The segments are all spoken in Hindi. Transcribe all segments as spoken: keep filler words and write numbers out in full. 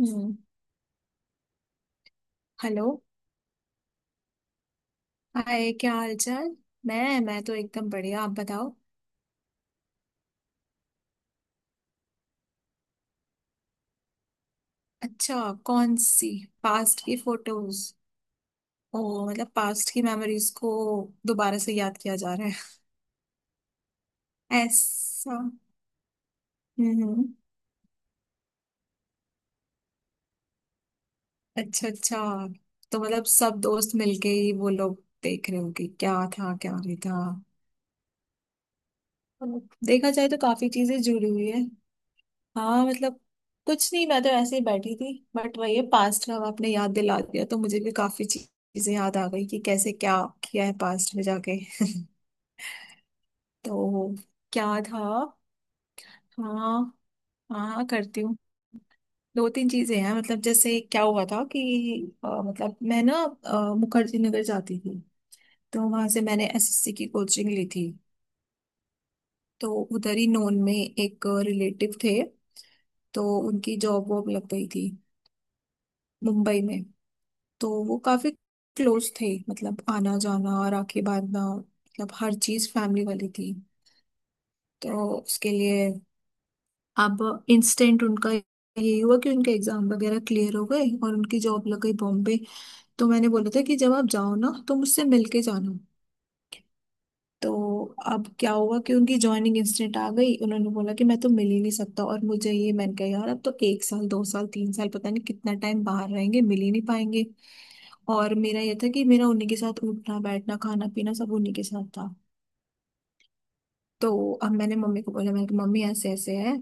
हम्म। हेलो। हाय, क्या हाल चाल? मैं मैं तो एकदम बढ़िया। आप बताओ। अच्छा, कौन सी? पास्ट की फोटोज? ओ, मतलब पास्ट की मेमोरीज को दोबारा से याद किया जा रहा है। ऐसा। हम्म। अच्छा अच्छा। तो मतलब सब दोस्त मिलके ही वो लोग देख रहे होंगे क्या था क्या नहीं था। देखा जाए तो काफी चीजें जुड़ी हुई है। हाँ मतलब, कुछ नहीं, मैं तो ऐसे ही बैठी थी, बट वही है पास्ट का आपने याद दिला दिया तो मुझे भी काफी ची- चीजें याद आ गई कि कैसे क्या किया है पास्ट में जाके। तो क्या था? हाँ। हाँ करती हूँ। दो तीन चीजें हैं मतलब, जैसे क्या हुआ था कि अ, मतलब मैं ना अ, मुखर्जी नगर जाती थी। तो वहां से मैंने एस एस सी की कोचिंग ली थी। तो उधर ही नोन में एक रिलेटिव थे। तो उनकी जॉब वॉब लग गई थी मुंबई में। तो वो काफी क्लोज थे, मतलब आना जाना और राखी बांधना, मतलब हर चीज फैमिली वाली थी। तो उसके लिए, अब इंस्टेंट उनका यही हुआ कि उनके एग्जाम वगैरह क्लियर हो गए और उनकी जॉब लग गई बॉम्बे। तो मैंने बोला था कि जब आप जाओ ना तो मुझसे मिल के जाना। तो अब क्या हुआ कि उनकी ज्वाइनिंग इंस्टेंट आ गई, उन्होंने बोला कि मैं तो मिल ही नहीं सकता, और मुझे ये, मैंने कहा यार अब तो एक साल दो साल तीन साल पता नहीं कितना टाइम बाहर रहेंगे, मिल ही नहीं पाएंगे। और मेरा ये था कि मेरा उन्हीं के साथ उठना बैठना खाना पीना सब उन्हीं के साथ था। तो अब मैंने मम्मी को बोला, मैंने कहा मम्मी ऐसे ऐसे है,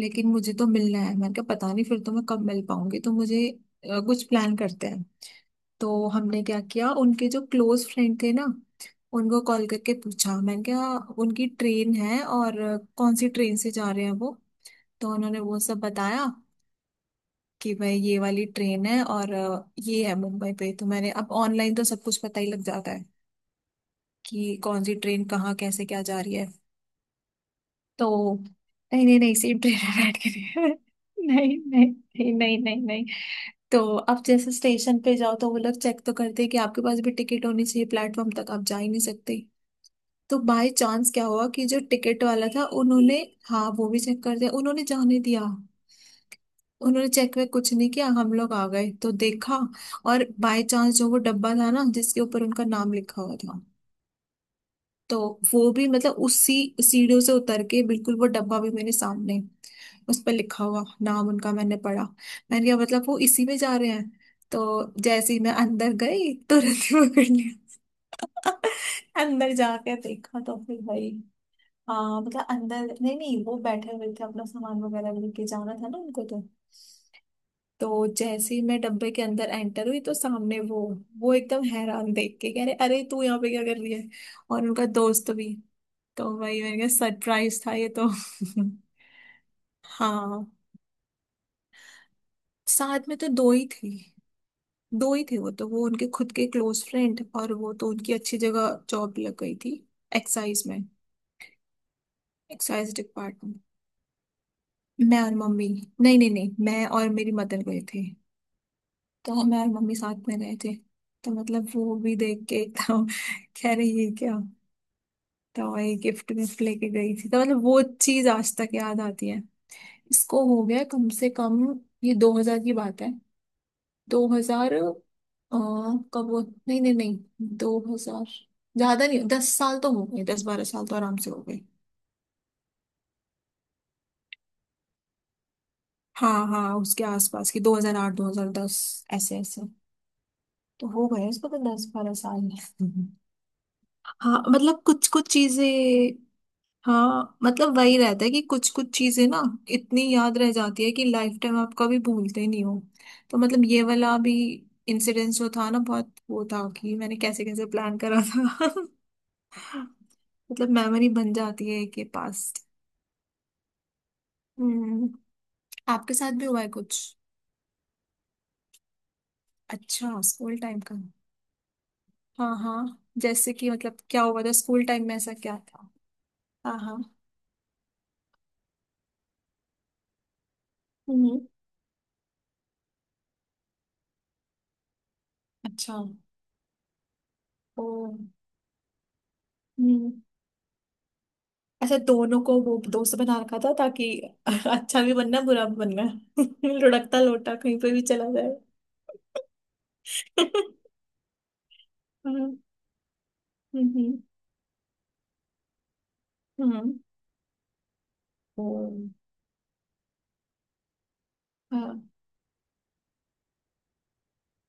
लेकिन मुझे तो मिलना है, मैंने कहा पता नहीं फिर तो मैं कब मिल पाऊंगी, तो मुझे अ, कुछ प्लान करते हैं। तो हमने क्या किया, उनके जो क्लोज फ्रेंड थे ना, उनको कॉल करके पूछा। मैंने कहा उनकी ट्रेन है, और अ, कौन सी ट्रेन से जा रहे हैं वो। तो उन्होंने वो सब बताया कि भाई ये वाली ट्रेन है, और अ, ये है मुंबई पे। तो मैंने, अब ऑनलाइन तो सब कुछ पता ही लग जाता है कि कौन सी ट्रेन कहाँ कैसे क्या जा रही है। तो नहीं नहीं नहीं, सेम ट्रेन में बैठ के नहीं। नहीं नहीं। नहीं नहीं नहीं नहीं। तो अब जैसे स्टेशन पे जाओ तो वो लोग चेक तो करते हैं कि आपके पास भी टिकट होनी चाहिए, प्लेटफॉर्म तक आप जा ही नहीं सकते। तो बाय चांस क्या हुआ कि जो टिकट वाला था उन्होंने, हाँ, वो भी चेक कर दिया, उन्होंने जाने दिया। उन्होंने चेक वेक कुछ नहीं किया, हम लोग आ गए तो देखा। और बाय चांस जो वो डब्बा था ना जिसके ऊपर उनका नाम लिखा हुआ था, तो वो भी मतलब उसी सीढ़ियों से उतर के बिल्कुल, वो डब्बा भी मेरे सामने, उस पर लिखा हुआ नाम उनका मैंने पढ़ा। मैंने कहा मतलब वो इसी में जा रहे हैं। तो जैसे ही मैं अंदर गई, तुरंत ही पकड़ लिया। अंदर जाके देखा तो फिर भाई, हाँ मतलब अंदर, नहीं नहीं, वो बैठे हुए थे, अपना सामान वगैरह लेके जाना था ना उनको तो। तो जैसे ही मैं डब्बे के अंदर एंटर हुई तो सामने वो वो एकदम हैरान, देख के कह रहे अरे तू यहाँ पे क्या कर रही है? और उनका दोस्त भी। तो वही मैंने कहा सरप्राइज था ये तो। हाँ, साथ में तो दो ही थी। दो ही थे वो, तो वो उनके खुद के क्लोज फ्रेंड, और वो तो उनकी अच्छी जगह जॉब लग गई थी। एक्साइज में, एक्साइज डिपार्टमेंट। मैं और मम्मी, नहीं नहीं नहीं, मैं और मेरी मदर गए थे। तो मैं और मम्मी साथ में गए थे। तो मतलब वो भी देख के एकदम कह रही है क्या। तो वही गिफ्ट विफ्ट लेके गई थी, तो मतलब वो चीज आज तक याद आती है। इसको हो गया कम से कम, ये दो हजार की बात है। दो हजार। कब? वो नहीं नहीं नहीं। दो हजार। ज्यादा नहीं, दस साल तो हो गए, दस बारह साल तो आराम से हो गए। हाँ हाँ, उसके आसपास की, दो हजार आठ दो हजार दस, ऐसे ऐसे। तो हो गए उसको तो दस बारह साल। हाँ मतलब कुछ कुछ चीजें, हाँ मतलब वही रहता है कि कुछ कुछ चीजें ना इतनी याद रह जाती है कि लाइफ टाइम आप कभी भूलते ही नहीं हो। तो मतलब ये वाला भी इंसिडेंस जो था ना, बहुत वो था कि मैंने कैसे कैसे प्लान करा था। मतलब मेमोरी बन जाती है के पास्ट। हम्म। आपके साथ भी हुआ है कुछ? अच्छा, स्कूल टाइम का। हाँ हाँ, जैसे कि मतलब क्या हुआ था स्कूल टाइम में, ऐसा क्या था? हाँ हाँ। हम्म। अच्छा। ओ। हम्म। अच्छा, दोनों को वो दोस्त बना रखा था ताकि अच्छा भी बनना बुरा भी बनना। लुढ़कता लोटा कहीं पे भी चला जाए। हम्म। हम्म। हम्म। ओ। हाँ,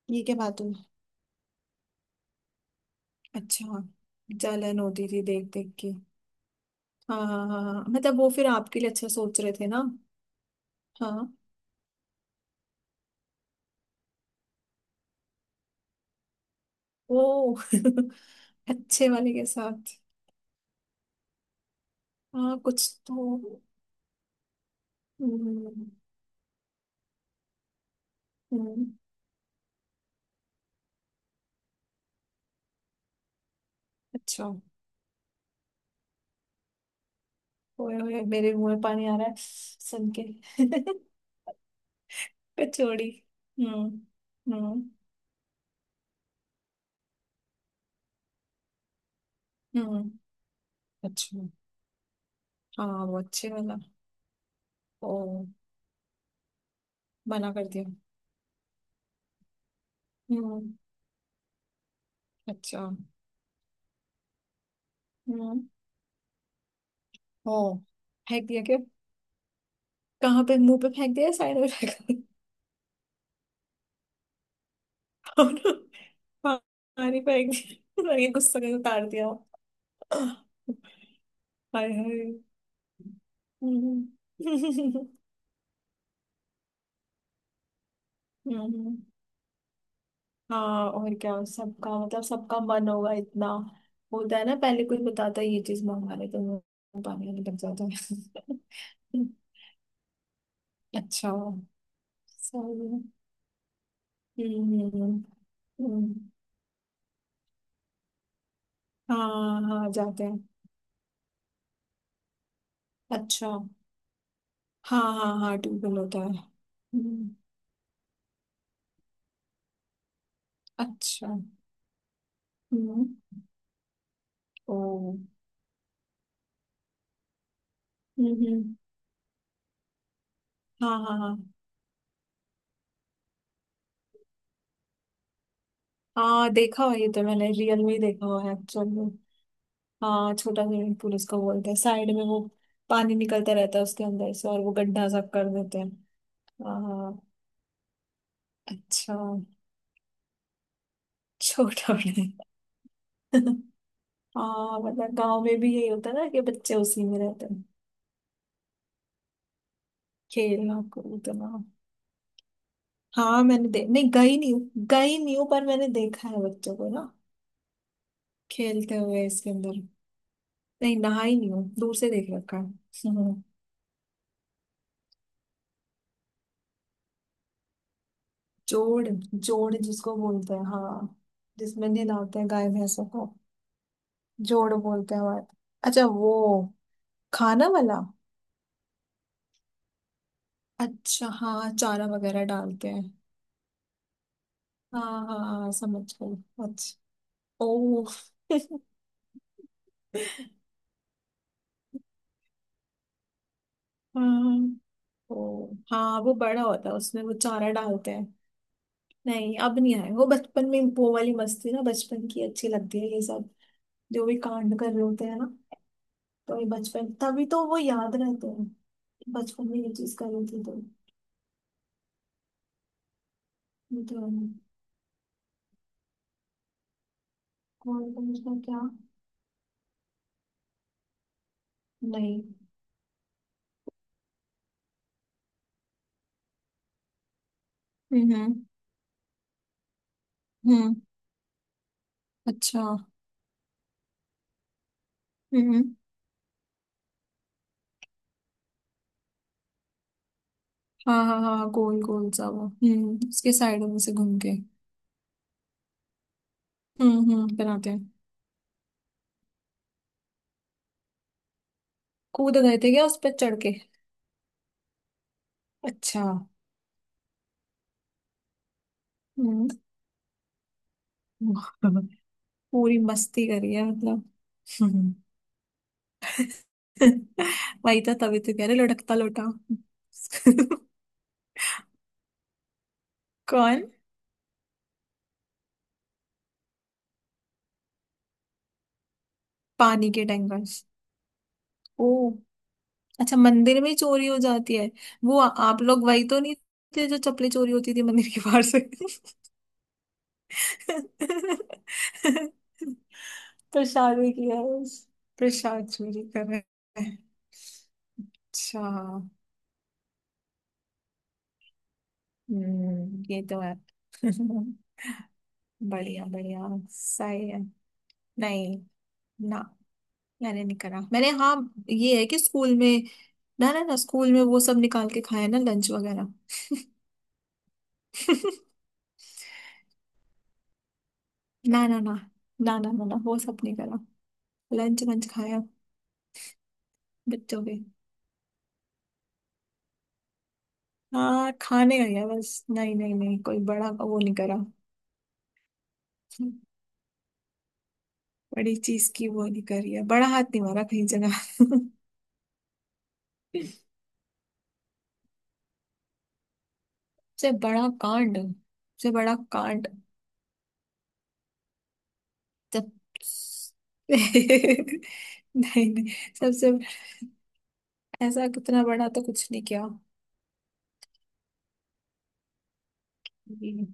ये क्या बात हुई? अच्छा, जलन होती थी देख देख के। हाँ मतलब वो फिर आपके लिए अच्छा सोच रहे थे ना। हाँ। ओ। अच्छे वाले के साथ। हाँ कुछ तो। हम्म। हम्म। अच्छा। ओए ओए, मेरे मुंह में पानी आ रहा है सुन के। कचौड़ी। हम्म। हम्म। हम्म। अच्छा, हाँ वो अच्छे वाला। ओ, मना कर दिया। हम्म। अच्छा। हम्म। ओ, फेंक दिया क्या? कहाँ पे, मुंह पे फेंक दिया या साइड में फेंका? और पानी फेंक दिया, लगे गुस्सा कर उतार दिया। हाय। हाय। हम्म। हम्म। हाँ और क्या, सबका मतलब सबका मन होगा इतना। होता है ना, पहले कोई बताता है ये चीज मंगा ले तो मुंह पानी आने लग जाता है। अच्छा। सही है। हम्म। हम्म। हम्म। हाँ हाँ, जाते हैं। अच्छा। हाँ हाँ हाँ, ट्यूबवेल होता है। हम्म। अच्छा। हम्म। ओ। हम्म। हम्म। हाँ हाँ हाँ। हाँ देखा हुआ, ये तो मैंने रियल में ही देखा हुआ है, एक्चुअल में। हाँ, छोटा स्विमिंग पूल उसको बोलते हैं, साइड में वो पानी निकलता रहता है उसके अंदर से, और वो गड्ढा सब कर देते हैं। हाँ हाँ। अच्छा, छोटा बड़ा। हाँ मतलब गांव में भी यही होता है ना, कि बच्चे उसी में रहते हैं, खेलना कूदना। हाँ, मैंने दे नहीं, गई नहीं हूँ। गई नहीं हूँ पर मैंने देखा है बच्चों को ना, खेलते हुए इसके अंदर। नहीं, नहाई नहीं हूँ, दूर से देख रखा है। हम्म। जोड़ जोड़ जिसको बोलते हैं, हाँ, जिसमें नहलाते हैं गाय भैंसों को, जोड़ बोलते हैं हमारे। अच्छा, वो खाना वाला। अच्छा, हाँ, चारा वगैरह डालते हैं। हाँ हाँ हाँ, समझ गई। अच्छा। ओ। हाँ। ओ, हाँ वो बड़ा होता है, उसमें वो चारा डालते हैं। नहीं, अब नहीं आए, वो बचपन में वो वाली मस्ती ना, बचपन की अच्छी लगती है ये सब। जो भी कांड कर रहे होते हैं ना, तो ये बचपन तभी तो वो याद रहते हैं, बचपन में ये चीज करी थी तो। ये तो है नहीं। कौन कंडीशनर क्या? नहीं। हम्म। हम्म। अच्छा। हम्म। हाँ हाँ हाँ, गोल गोल सा वो, हम्म, उसके साइडों में से घूम के। हम्म। हम्म बनाते हैं। कूद गए थे क्या उस पर चढ़ के? अच्छा। हम्म। पूरी मस्ती करी है मतलब। हम्म। वही था, तभी तो कह रहे लुढ़कता लोटा। कौन? पानी के टैंकर्स? ओ। अच्छा, मंदिर में ही चोरी हो जाती है। वो आ- आप लोग वही तो नहीं थे जो चप्पलें चोरी होती थी मंदिर के बाहर से? प्रसाद भी किया है। प्रसाद चोरी कर रहे हैं। अच्छा। हम्म, ये तो है। बढ़िया बढ़िया, सही है। नहीं। ना। मैंने नहीं करा। मैंने, हाँ, ये है कि स्कूल में, ना ना ना, स्कूल में वो सब निकाल के खाया ना लंच वगैरह। ना ना ना। ना ना ना ना, वो सब नहीं करा। लंच वंच खाया बच्चों के। हाँ खाने गई है बस, नहीं नहीं नहीं कोई बड़ा वो नहीं करा। बड़ी चीज की वो नहीं करी है, बड़ा हाथ नहीं मारा कहीं जगह। सबसे। बड़ा कांड, सबसे बड़ा कांड? जब, नहीं। नहीं, सबसे ऐसा कितना बड़ा तो कुछ नहीं किया। हम्म।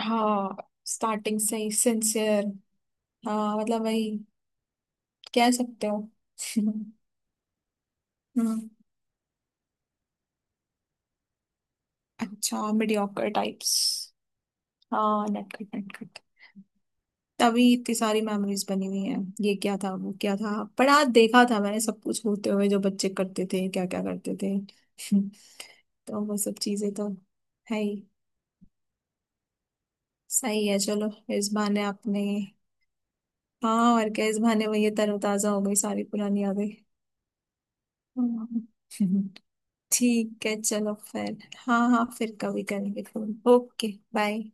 हाँ, स्टार्टिंग से ही सिंसियर। हाँ मतलब वही कह सकते हो। हम्म। अच्छा, मीडियोकर टाइप्स। हाँ, नटखट नटखट। तभी इतनी सारी मेमोरीज बनी हुई हैं। ये क्या था वो क्या था, पर आज देखा था मैंने सब कुछ होते हुए, जो बच्चे करते थे क्या क्या करते थे। तो वो सब चीजें तो है ही। सही है, चलो, इस बहाने आपने, हाँ और क्या, इस बहाने वो ये तरोताजा हो गई सारी पुरानी यादें। हाँ। ठीक है, चलो फिर। हाँ हाँ, फिर कभी करेंगे फोन। ओके। बाय।